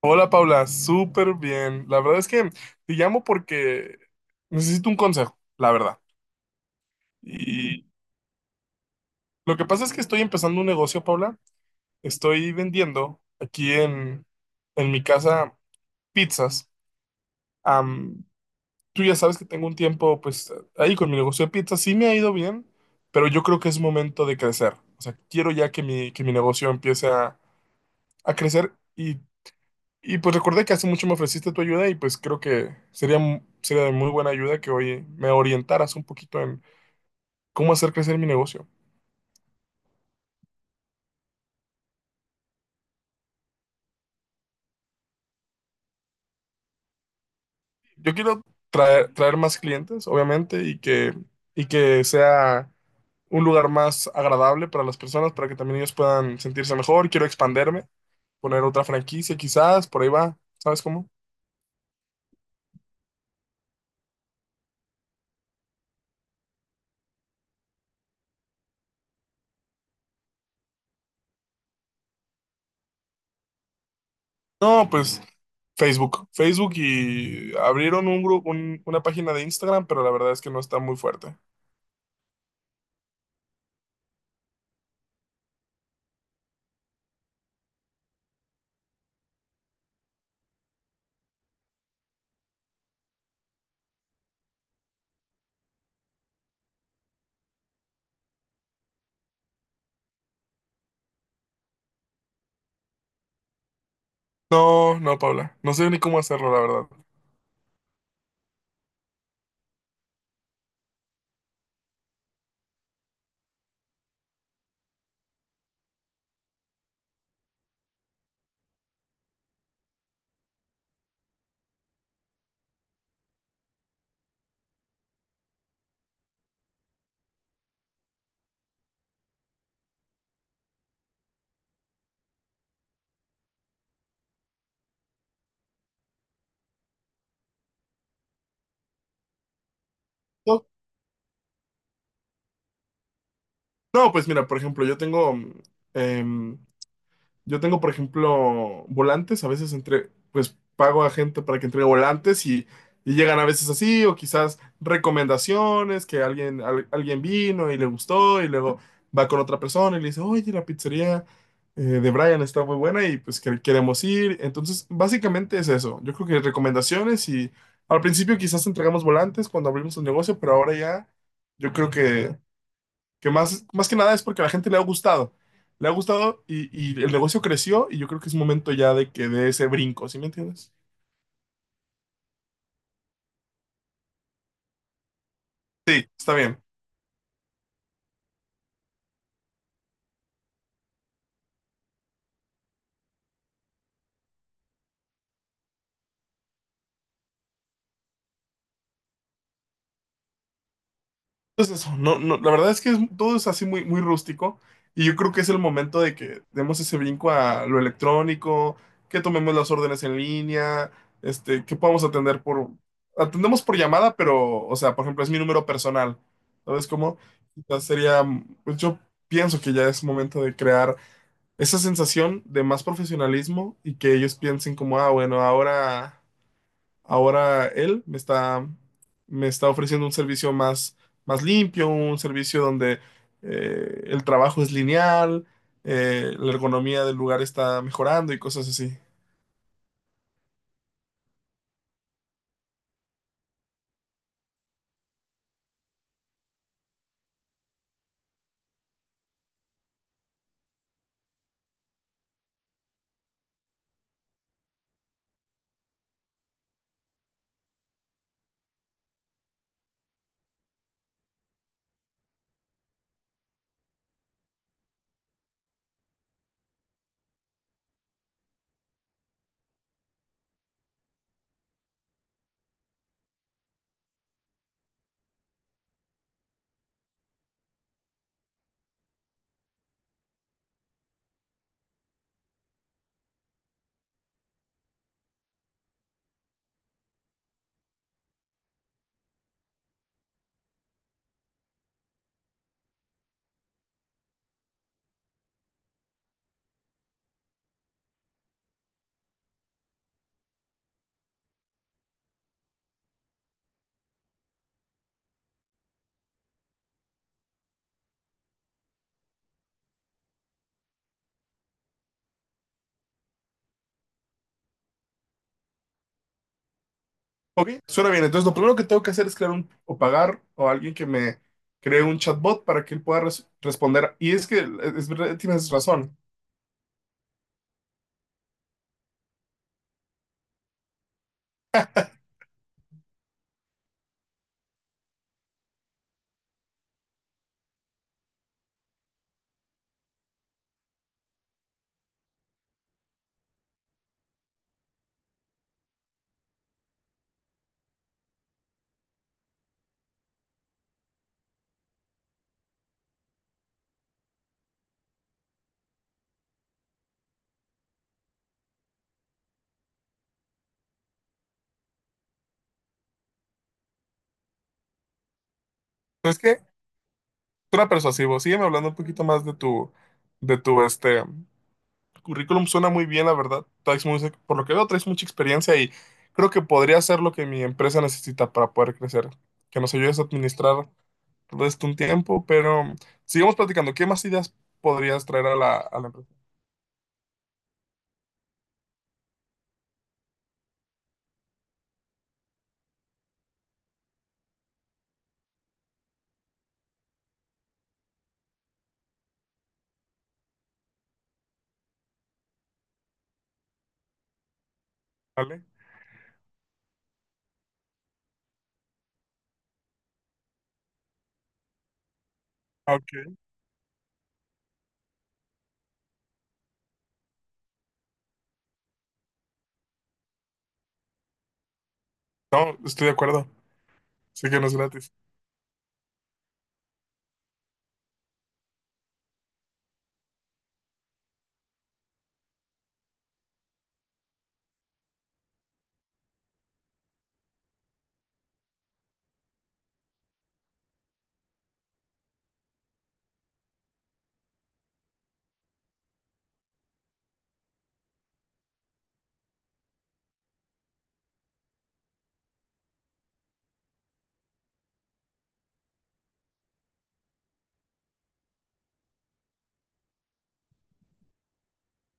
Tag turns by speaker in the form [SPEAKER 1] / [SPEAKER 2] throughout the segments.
[SPEAKER 1] Hola Paula, súper bien. La verdad es que te llamo porque necesito un consejo, la verdad. Y lo que pasa es que estoy empezando un negocio, Paula. Estoy vendiendo aquí en mi casa pizzas. Am, Tú ya sabes que tengo un tiempo pues ahí con mi negocio de pizzas. Sí me ha ido bien, pero yo creo que es momento de crecer. O sea, quiero ya que mi negocio empiece a crecer. Y pues recordé que hace mucho me ofreciste tu ayuda y pues creo que sería de muy buena ayuda que hoy me orientaras un poquito en cómo hacer crecer mi negocio. Yo quiero traer más clientes, obviamente, y que sea un lugar más agradable para las personas, para que también ellos puedan sentirse mejor. Quiero expanderme, poner otra franquicia quizás, por ahí va, ¿sabes cómo? No, pues Facebook. Facebook y abrieron un grupo, una página de Instagram, pero la verdad es que no está muy fuerte. No, no, Paula. No sé ni cómo hacerlo, la verdad. No, no, pues mira, por ejemplo, em, Yo tengo, por ejemplo, volantes, a veces entre, pues pago a gente para que entregue volantes y llegan a veces así, o quizás recomendaciones, que alguien, alguien vino y le gustó, y luego va con otra persona y le dice, oye, la pizzería de Brian está muy buena y pues queremos ir. Entonces, básicamente es eso. Yo creo que recomendaciones y al principio quizás entregamos volantes cuando abrimos el negocio, pero ahora ya yo creo que que más que nada es porque a la gente le ha gustado. Le ha gustado y el negocio creció y yo creo que es momento ya de que dé ese brinco, ¿sí me entiendes? Sí, está bien. Entonces eso, no, no, la verdad es que todo es así muy rústico y yo creo que es el momento de que demos ese brinco a lo electrónico, que tomemos las órdenes en línea, este, que podamos atendemos por llamada, pero, o sea, por ejemplo, es mi número personal, ¿sabes cómo? Quizás sería, pues yo pienso que ya es momento de crear esa sensación de más profesionalismo y que ellos piensen como, ah, bueno, ahora él me está ofreciendo un servicio más limpio, un servicio donde el trabajo es lineal, la ergonomía del lugar está mejorando y cosas así. Ok, suena bien. Entonces, lo primero que tengo que hacer es crear un, o pagar o alguien que me cree un chatbot para que él pueda responder. Y es que es verdad, tienes razón. ¿Sabes qué? Suena persuasivo. Sígueme hablando un poquito más de tu este currículum. Suena muy bien, la verdad. Por lo que veo, traes mucha experiencia y creo que podría ser lo que mi empresa necesita para poder crecer. Que nos ayudes a administrar todo esto un tiempo, pero sigamos platicando. ¿Qué más ideas podrías traer a la empresa? ¿Vale? Ah, ok. No, estoy de acuerdo. Sé que no es gratis.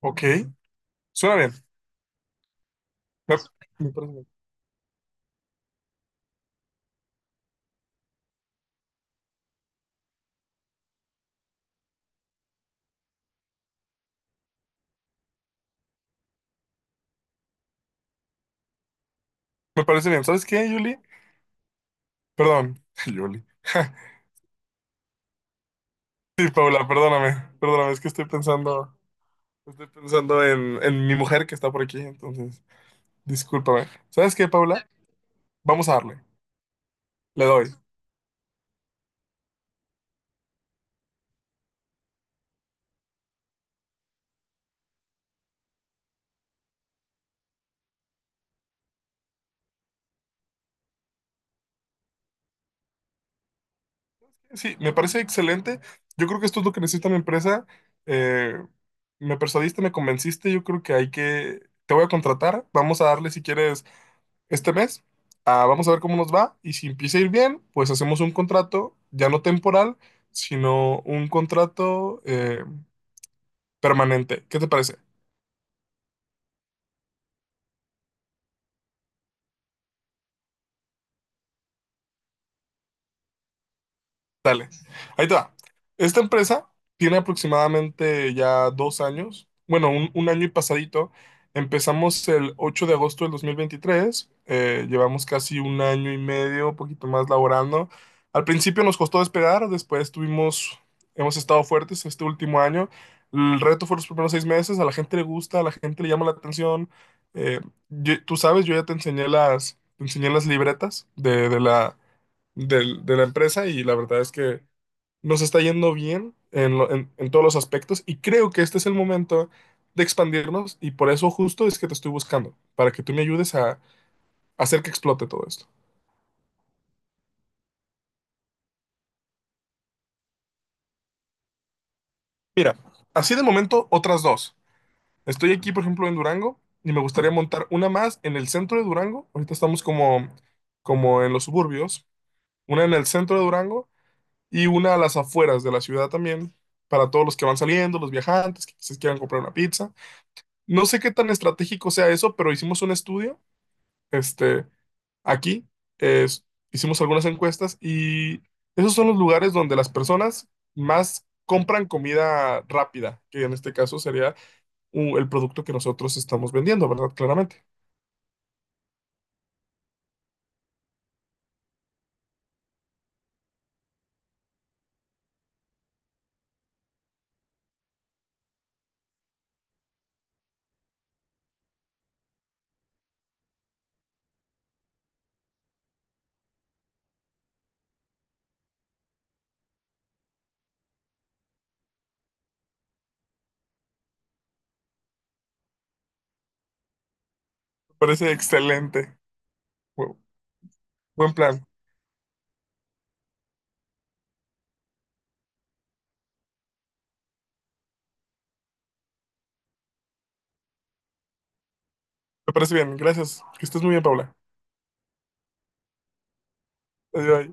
[SPEAKER 1] Ok. Suena bien. Me, me parece bien. Me parece bien. ¿Sabes qué, Julie? Perdón, Julie. Sí, Paula, perdóname, es que estoy pensando en mi mujer que está por aquí, entonces, discúlpame. ¿Sabes qué, Paula? Vamos a darle, le doy. Sí, me parece excelente. Yo creo que esto es lo que necesita mi empresa. Eh, me persuadiste, me convenciste, yo creo que hay que, te voy a contratar, vamos a darle si quieres este mes, ah, vamos a ver cómo nos va y si empieza a ir bien, pues hacemos un contrato, ya no temporal, sino un contrato permanente. ¿Qué te parece? Dale, ahí te va. Esta empresa tiene aproximadamente ya dos años, bueno, un año y pasadito. Empezamos el 8 de agosto del 2023, llevamos casi un año y medio, un poquito más laborando. Al principio nos costó despegar, después tuvimos, hemos estado fuertes este último año. El reto fue los primeros seis meses, a la gente le gusta, a la gente le llama la atención. Eh, Tú sabes, yo ya te enseñé te enseñé las libretas de de la empresa y la verdad es que nos está yendo bien en todos los aspectos y creo que este es el momento de expandirnos y por eso justo es que te estoy buscando, para que tú me ayudes a hacer que explote todo esto. Mira, así de momento otras dos. Estoy aquí, por ejemplo, en Durango y me gustaría montar una más en el centro de Durango. Ahorita estamos como, como en los suburbios, una en el centro de Durango y una a las afueras de la ciudad también, para todos los que van saliendo, los viajantes, que quizás quieran comprar una pizza. No sé qué tan estratégico sea eso, pero hicimos un estudio, este, aquí, es- hicimos algunas encuestas y esos son los lugares donde las personas más compran comida rápida, que en este caso sería el producto que nosotros estamos vendiendo, ¿verdad? Claramente. Me parece excelente. Bu- Buen plan. Me parece bien. Gracias. Que estés muy bien, Paula. Adiós.